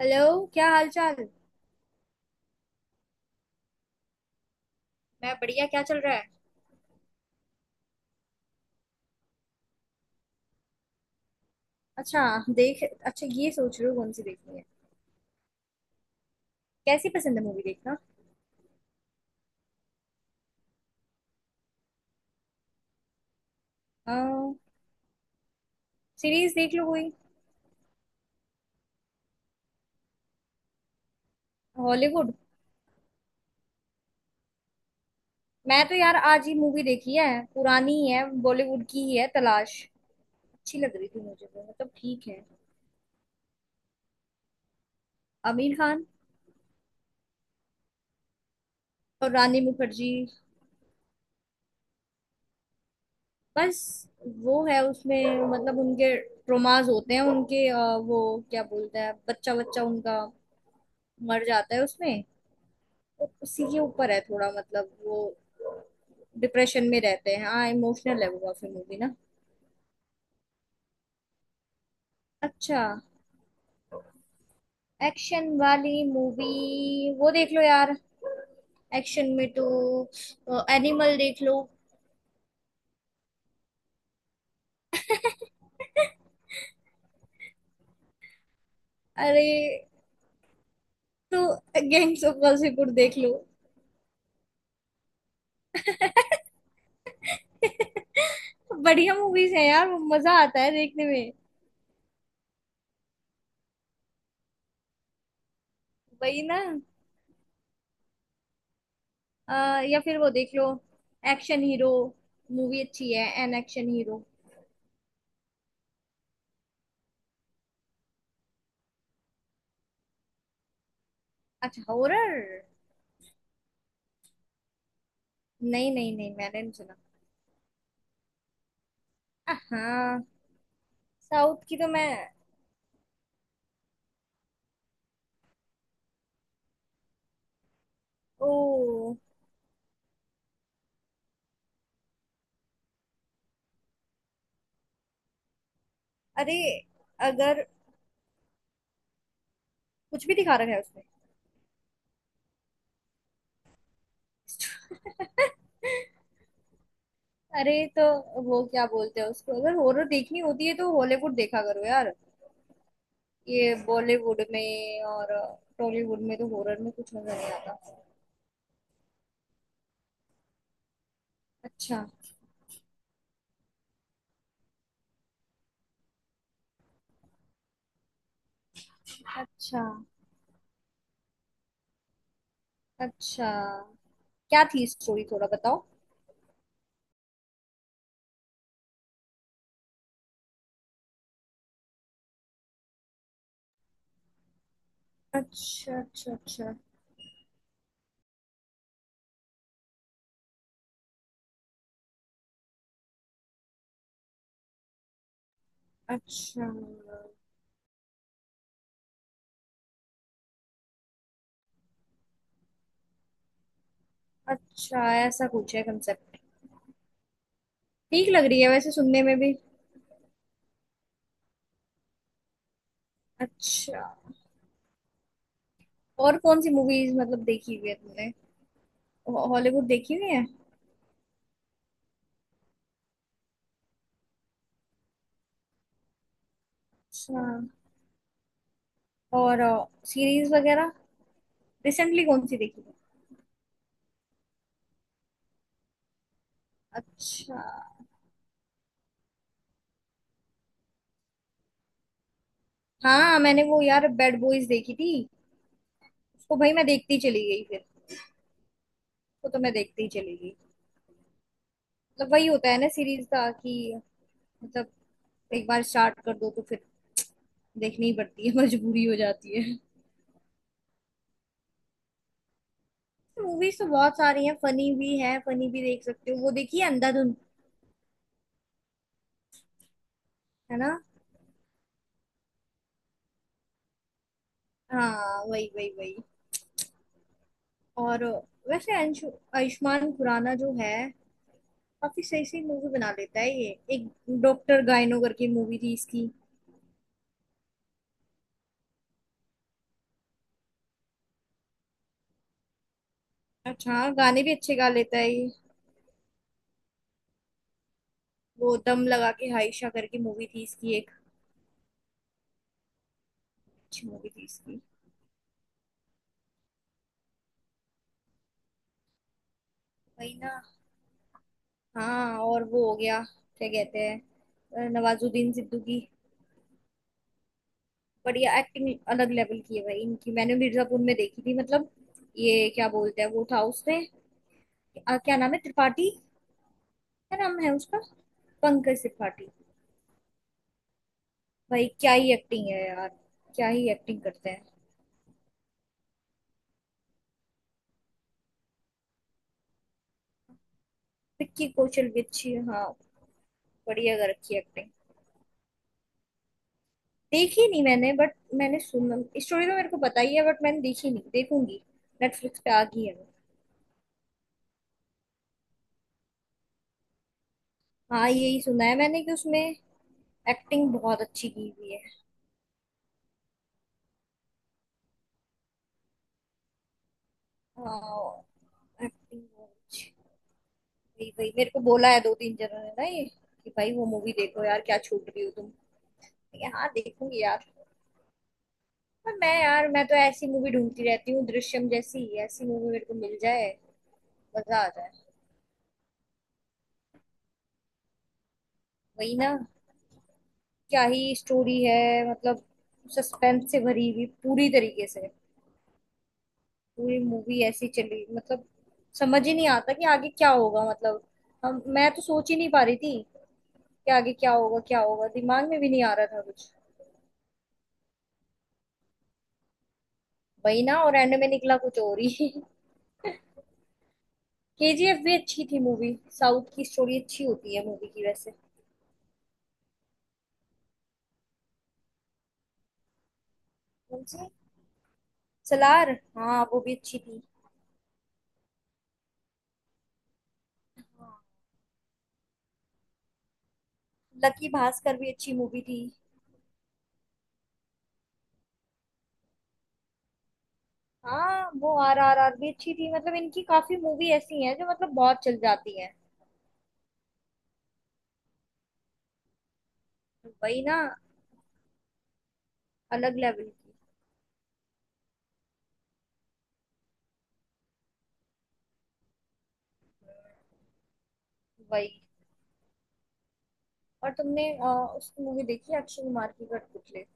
Hello, क्या हाल चाल। मैं बढ़िया, क्या चल रहा है। अच्छा, देख अच्छा ये सोच रही हूँ कौन सी देखनी है। कैसी पसंद है मूवी देखना। सीरीज देख लो कोई। हॉलीवुड। मैं तो यार आज ही मूवी देखी है। पुरानी ही है, बॉलीवुड की ही है, तलाश। अच्छी लग रही थी मुझे वो, मतलब ठीक है। आमिर खान। और रानी मुखर्जी। बस वो है उसमें, मतलब उनके ट्रोमाज होते हैं, उनके वो क्या बोलते हैं, बच्चा बच्चा उनका मर जाता है उसमें। तो उसी के ऊपर है थोड़ा, मतलब वो डिप्रेशन में रहते हैं। हाँ, इमोशनल है वो काफी मूवी ना। अच्छा, एक्शन वाली मूवी वो देख लो यार। एक्शन में तो एनिमल देख लो। अरे तो गैंग्स ऑफ वासेपुर देख लो। बढ़िया मूवीज है यार वो, मजा आता है देखने में। वही ना। या फिर वो देख लो एक्शन हीरो। मूवी अच्छी है, एन एक्शन हीरो। अच्छा, हॉरर। नहीं नहीं नहीं, मैंने नहीं सुना। हाँ। साउथ की तो मैं। ओ। अरे। अगर कुछ भी दिखा रखा है उसमें। अरे तो वो क्या बोलते हैं उसको, अगर हॉरर देखनी होती है तो हॉलीवुड देखा करो यार। ये बॉलीवुड में और टॉलीवुड में तो हॉरर में कुछ मजा नहीं आता। अच्छा अच्छा अच्छा। क्या थी स्टोरी, थोड़ा बताओ। अच्छा अच्छा अच्छा। अच्छा। अच्छा, ऐसा कुछ है कंसेप्ट। ठीक लग रही है वैसे सुनने में भी। अच्छा। और कौन सी मूवीज मतलब देखी हुई है तुमने। हॉलीवुड देखी हुई है। अच्छा। और सीरीज वगैरह। रिसेंटली कौन सी देखी थी। अच्छा। हाँ, मैंने वो यार बैड बॉयज देखी थी। उसको भाई मैं देखती चली गई फिर। उसको तो मैं देखती ही चली गई। मतलब वही होता है ना सीरीज का, कि मतलब एक बार स्टार्ट कर दो तो फिर देखनी ही पड़ती है। मजबूरी हो जाती है। मूवीज तो बहुत सारी हैं, फनी भी है, फनी भी देख सकते हो। वो देखिए अंधाधुन। है ना। हाँ, वही वही वही। और वैसे अंशु, आयुष्मान खुराना जो है, काफी सही सही मूवी बना लेता है ये। एक डॉक्टर गाइनो करके मूवी थी इसकी। अच्छा। हाँ, गाने भी अच्छे गा लेता है ये। वो दम लगा के हाइशा करके मूवी थी इसकी एक। अच्छी मूवी थी इसकी। वही ना। हाँ, और वो हो गया। क्या कहते हैं, नवाजुद्दीन सिद्दीकी की बढ़िया एक्टिंग। अलग लेवल की है भाई इनकी। मैंने मिर्जापुर में देखी थी, मतलब ये क्या बोलते हैं वो था उसने, क्या नाम है, त्रिपाठी। क्या नाम है उसका। पंकज त्रिपाठी। भाई क्या ही एक्टिंग है यार। क्या ही एक्टिंग करते हैं। विक्की कौशल, विच्छी हाँ। बढ़िया कर रखी है एक्टिंग। देखी नहीं मैंने बट मैंने सुना। स्टोरी तो मेरे को पता ही है, बट मैंने देखी नहीं, देखूंगी। नेटफ्लिक्स पे आ गई है वो। हाँ, यही सुना है मैंने कि उसमें एक्टिंग बहुत अच्छी की हुई है। हाँ, एक्टिंग बहुत अच्छी। वही वही मेरे को बोला है दो तीन जनों ने ना ये, कि भाई वो मूवी देखो यार, क्या छूट रही हो तुम। मैंने कहा, हाँ देखूंगी यार। पर मैं यार मैं तो ऐसी मूवी ढूंढती रहती हूँ, दृश्यम जैसी ऐसी मूवी मेरे को मिल जाए, मजा आ जाए। वही ना। क्या ही स्टोरी है। मतलब सस्पेंस से भरी हुई पूरी तरीके से। पूरी मूवी ऐसी चली, मतलब समझ ही नहीं आता कि आगे क्या होगा। मतलब हम, मैं तो सोच ही नहीं पा रही थी कि आगे क्या होगा, क्या होगा, दिमाग में भी नहीं आ रहा था कुछ। वही ना, और एंड में निकला कुछ और ही। केजीएफ भी अच्छी थी मूवी। साउथ की स्टोरी अच्छी होती है मूवी की वैसे। कौन सी। सलार। हाँ, वो भी अच्छी थी। हाँ। लकी भास्कर भी अच्छी मूवी थी। हाँ, वो आर आर आर भी अच्छी थी। मतलब इनकी काफी मूवी ऐसी हैं जो मतलब बहुत चल जाती हैं। वही ना। अलग लेवल की। वही। और तुमने उसकी मूवी देखी है, अक्षय कुमार की कठपुतली।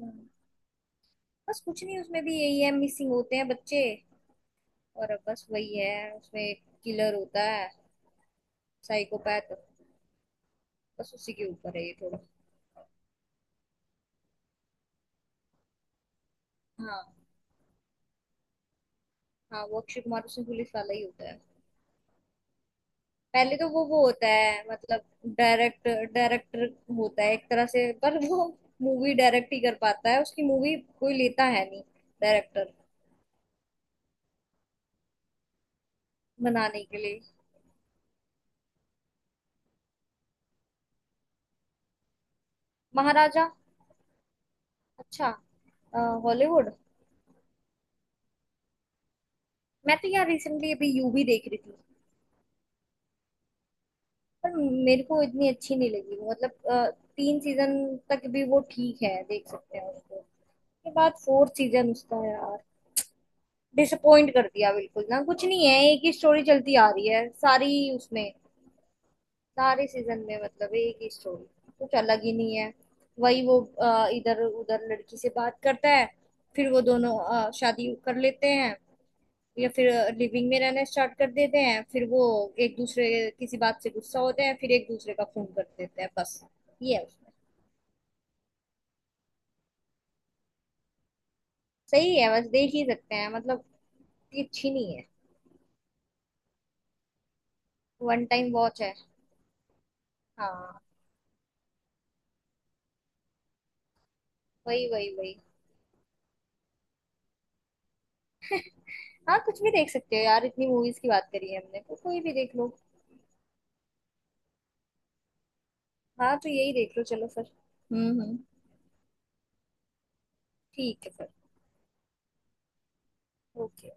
हम्म, बस कुछ नहीं, उसमें भी यही है, मिसिंग होते हैं बच्चे। और अब बस वही है उसमें, एक किलर होता है, साइकोपैथ। बस उसी के ऊपर है ये थोड़ा। हाँ। हाँ, वो अक्षय कुमार उसमें पुलिस वाला ही होता है। पहले तो वो होता है मतलब डायरेक्टर, डायरेक्टर होता है एक तरह से। पर वो मूवी डायरेक्ट ही कर पाता है उसकी मूवी, कोई लेता है नहीं डायरेक्टर बनाने के लिए। महाराजा। अच्छा। हॉलीवुड। मैं तो यार रिसेंटली अभी यू भी देख रही थी। पर मेरे को इतनी अच्छी नहीं लगी वो, मतलब 3 सीजन तक भी वो ठीक है, देख सकते हैं उसको। उसके बाद फोर्थ सीजन उसका यार डिसअपॉइंट कर दिया बिल्कुल। ना कुछ नहीं है, एक ही स्टोरी चलती आ रही है सारी उसमें, सारे सीजन में, मतलब एक ही स्टोरी, कुछ अलग ही नहीं है। वही वो इधर उधर लड़की से बात करता है, फिर वो दोनों शादी कर लेते हैं, या फिर लिविंग में रहना स्टार्ट कर देते हैं। फिर वो एक दूसरे किसी बात से गुस्सा होते हैं, फिर एक दूसरे का फोन कर देते हैं, बस ये है उसमें। सही है, बस देख ही सकते हैं, मतलब इतनी अच्छी नहीं है। वन टाइम वॉच है। हाँ, वही वही वही। हाँ, कुछ भी देख सकते हो यार, इतनी मूवीज की बात करी है हमने, तो कोई भी देख लो। हाँ तो यही देख लो चलो फिर। हम्म। ठीक है फिर। ओके।